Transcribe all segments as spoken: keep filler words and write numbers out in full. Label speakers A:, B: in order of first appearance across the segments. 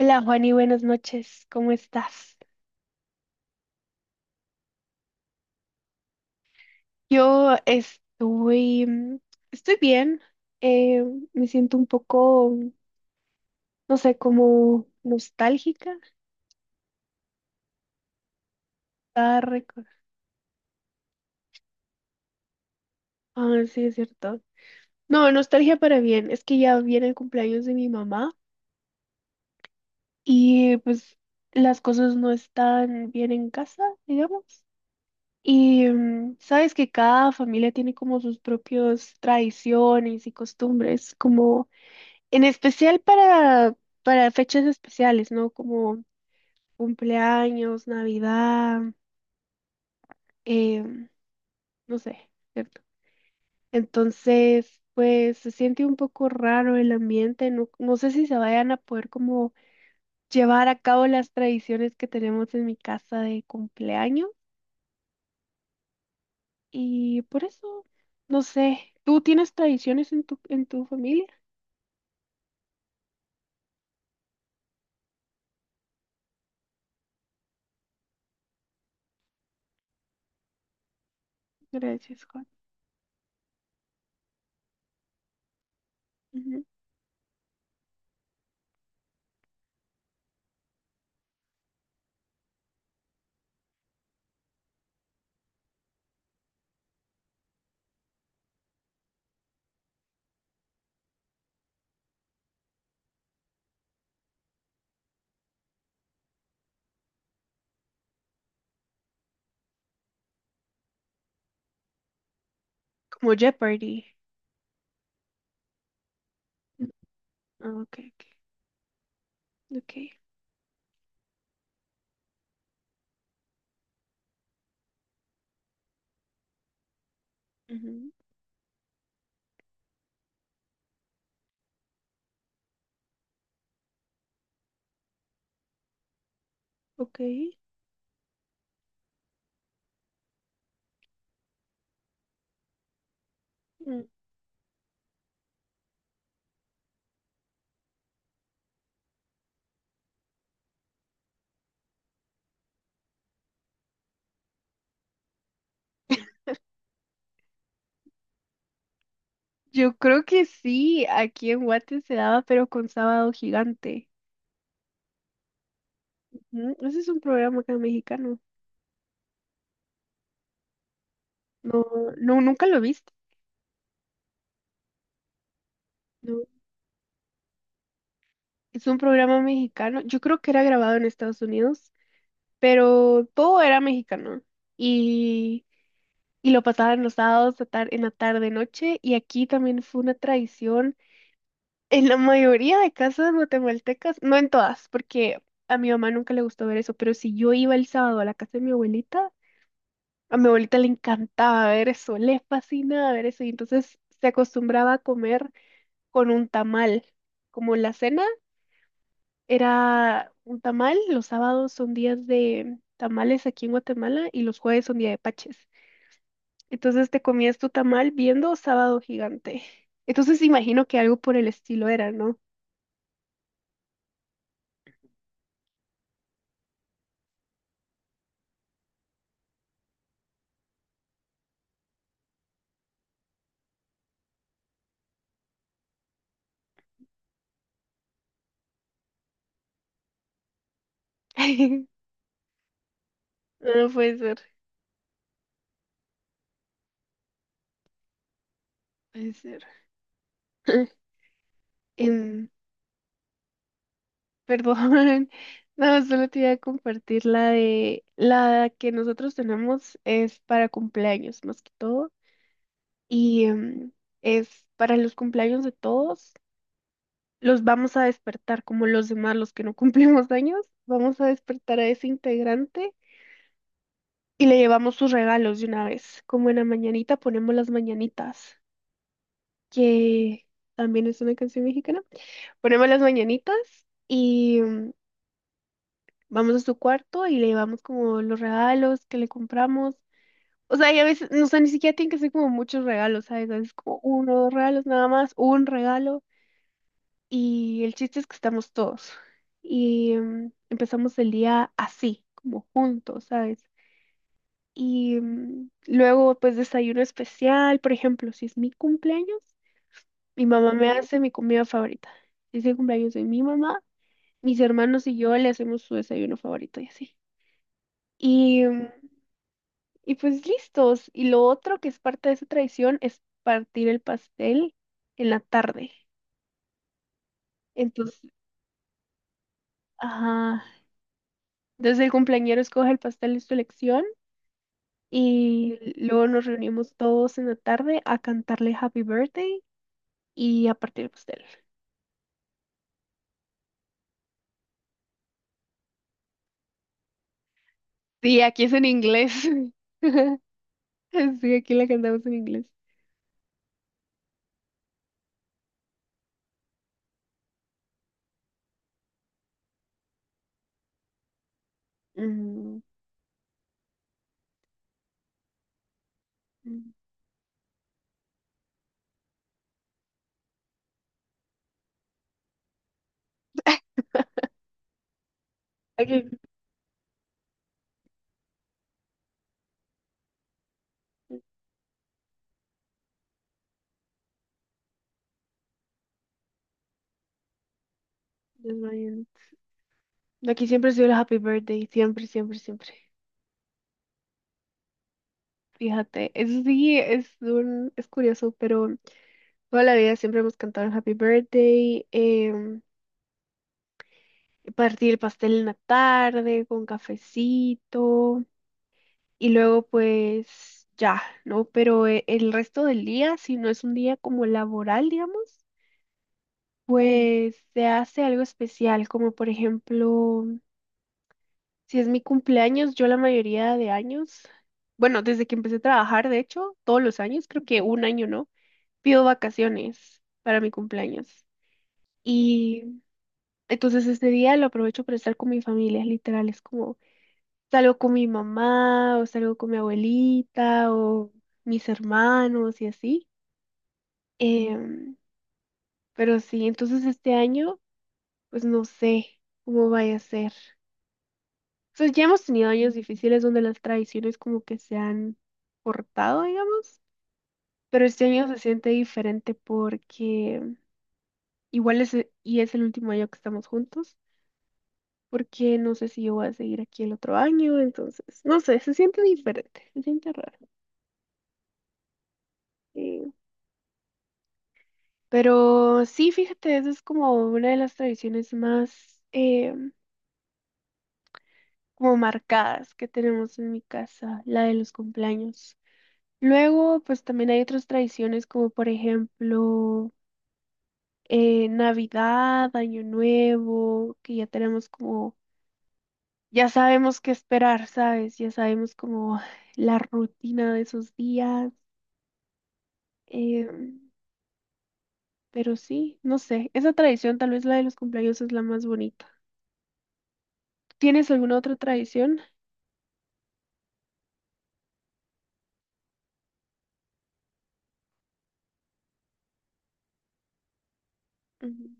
A: Hola Juani, buenas noches, ¿cómo estás? Yo estoy, mm, estoy bien, eh, me siento un poco, no sé, como nostálgica. Ah, reco- ah, sí, es cierto. No, nostalgia para bien, es que ya viene el cumpleaños de mi mamá y pues las cosas no están bien en casa, digamos. Y mm, sabes que cada familia tiene como sus propias tradiciones y costumbres, como... En especial para, para fechas especiales, ¿no? Como cumpleaños, Navidad, em, no sé, ¿cierto? Entonces, pues se siente un poco raro el ambiente, no, no sé si se vayan a poder como llevar a cabo las tradiciones que tenemos en mi casa de cumpleaños y por eso, no sé, ¿tú tienes tradiciones en tu, en tu familia? Gracias, Juan. Ujú. Como Jeopardy. Ah, ok, ok, ok. Ujú, ok. Mm, yo creo que sí, aquí en Guate se daba, pero con Sábado Gigante. Ujú, ese es un programa acá mexicano. No, no, nunca lo viste. No. Es un programa mexicano. Yo creo que era grabado en Estados Unidos, pero todo era mexicano. Y, y lo pasaban los sábados a tar- en la tarde noche. Y aquí también fue una tradición. En la mayoría de casas guatemaltecas, no en todas, porque a mi mamá nunca le gustó ver eso, pero si yo iba el sábado a la casa de mi abuelita, a mi abuelita le encantaba ver eso, le fascinaba ver eso y entonces se acostumbraba a comer con un tamal. Como la cena era un tamal, los sábados son días de tamales aquí en Guatemala y los jueves son día de paches. Entonces te comías tu tamal viendo Sábado Gigante. Entonces imagino que algo por el estilo era, ¿no? No puede ser, puede ser. Em, Perdón, no, solo te iba a compartir la de la que nosotros tenemos es para cumpleaños más que todo y em, es para los cumpleaños de todos. Los vamos a despertar como los demás, los que no cumplimos años. Vamos a despertar a ese integrante y le llevamos sus regalos de una vez. Como en la mañanita ponemos las mañanitas, que también es una canción mexicana. Ponemos las mañanitas. Y em, vamos a su cuarto y le llevamos como los regalos que le compramos. O sea, y a veces, no, o sea, ni siquiera tienen que ser como muchos regalos, ¿sabes? A veces como uno o dos regalos nada más, un regalo. Y el chiste es que estamos todos. Y mm, empezamos el día así, como juntos, ¿sabes? Y mm, luego, pues, desayuno especial, por ejemplo, si es mi cumpleaños, mi mamá me Ujú. Hace mi comida favorita. Si es el cumpleaños de mi mamá, mis hermanos y yo le hacemos su desayuno favorito y así. Y mm, y pues listos. Y lo otro que es parte de esa tradición es partir el pastel en la tarde. Entonces, ajá, entonces el cumpleañero escoge el pastel de su elección y luego nos reunimos todos en la tarde a cantarle Happy Birthday y a partir el pastel. Sí, aquí es en inglés. Sí, aquí la cantamos en inglés. Mm, mm. Aquí, desmayando. Aquí siempre ha sido el Happy Birthday, siempre, siempre, siempre. Fíjate, eso sí es un, es curioso, pero toda la vida siempre hemos cantado el Happy Birthday, em, partir el pastel en la tarde con cafecito y luego pues ya, ¿no? Pero e- el resto del día, si no es un día como laboral, digamos, pues se hace algo especial, como por ejemplo, si es mi cumpleaños, yo la mayoría de años, bueno, desde que empecé a trabajar, de hecho, todos los años, creo que un año, ¿no? Pido vacaciones para mi cumpleaños. Y entonces este día lo aprovecho para estar con mi familia, literal, es como salgo con mi mamá o salgo con mi abuelita o mis hermanos y así. Em, pero sí, entonces este año, pues no sé cómo vaya a ser. Entonces ya hemos tenido años difíciles donde las tradiciones como que se han cortado, digamos, pero este año se siente diferente porque igual es, e- y es el último año que estamos juntos. Porque no sé si yo voy a seguir aquí el otro año, entonces, no sé, se siente diferente, se siente raro. eh, pero sí, fíjate, esa es como una de las tradiciones más eh, como marcadas que tenemos en mi casa, la de los cumpleaños. Luego, pues también hay otras tradiciones como por ejemplo eh, Navidad, Año Nuevo, que ya tenemos como, ya sabemos qué esperar, ¿sabes? Ya sabemos como la rutina de esos días. em, Pero sí, no sé, esa tradición, tal vez la de los cumpleaños es la más bonita. ¿Tienes alguna otra tradición? Mm,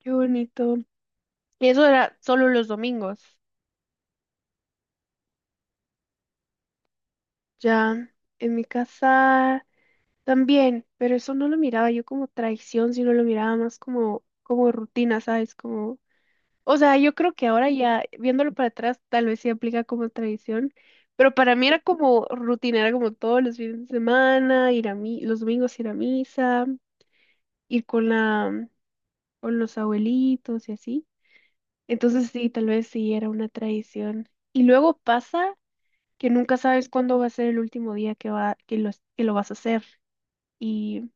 A: qué bonito. Y eso era solo los domingos. Ya, en mi casa también, pero eso no lo miraba yo como tradición, sino lo miraba más como, como rutina, ¿sabes? Como, o sea, yo creo que ahora ya, viéndolo para atrás, tal vez sí aplica como tradición, pero para mí era como rutina, era como todos los fines de semana, ir a mi, los domingos ir a misa, ir con la o los abuelitos y así. Entonces sí, tal vez sí era una tradición. Y luego pasa que nunca sabes cuándo va a ser el último día que va, que lo, que lo vas a hacer. Y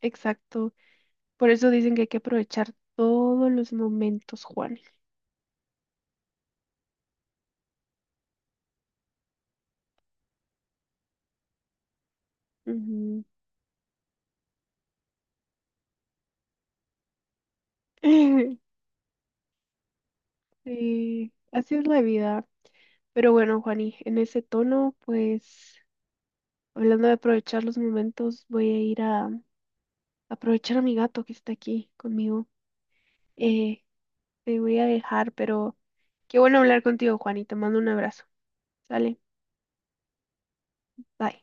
A: exacto. Por eso dicen que hay que aprovechar todos los momentos, Juan. Ujú. Sí, así es la vida. Pero bueno, Juani, en ese tono, pues, hablando de aprovechar los momentos, voy a ir a aprovechar a mi gato que está aquí conmigo. Eh, Te voy a dejar, pero qué bueno hablar contigo, Juan, y te mando un abrazo. Sale, bye.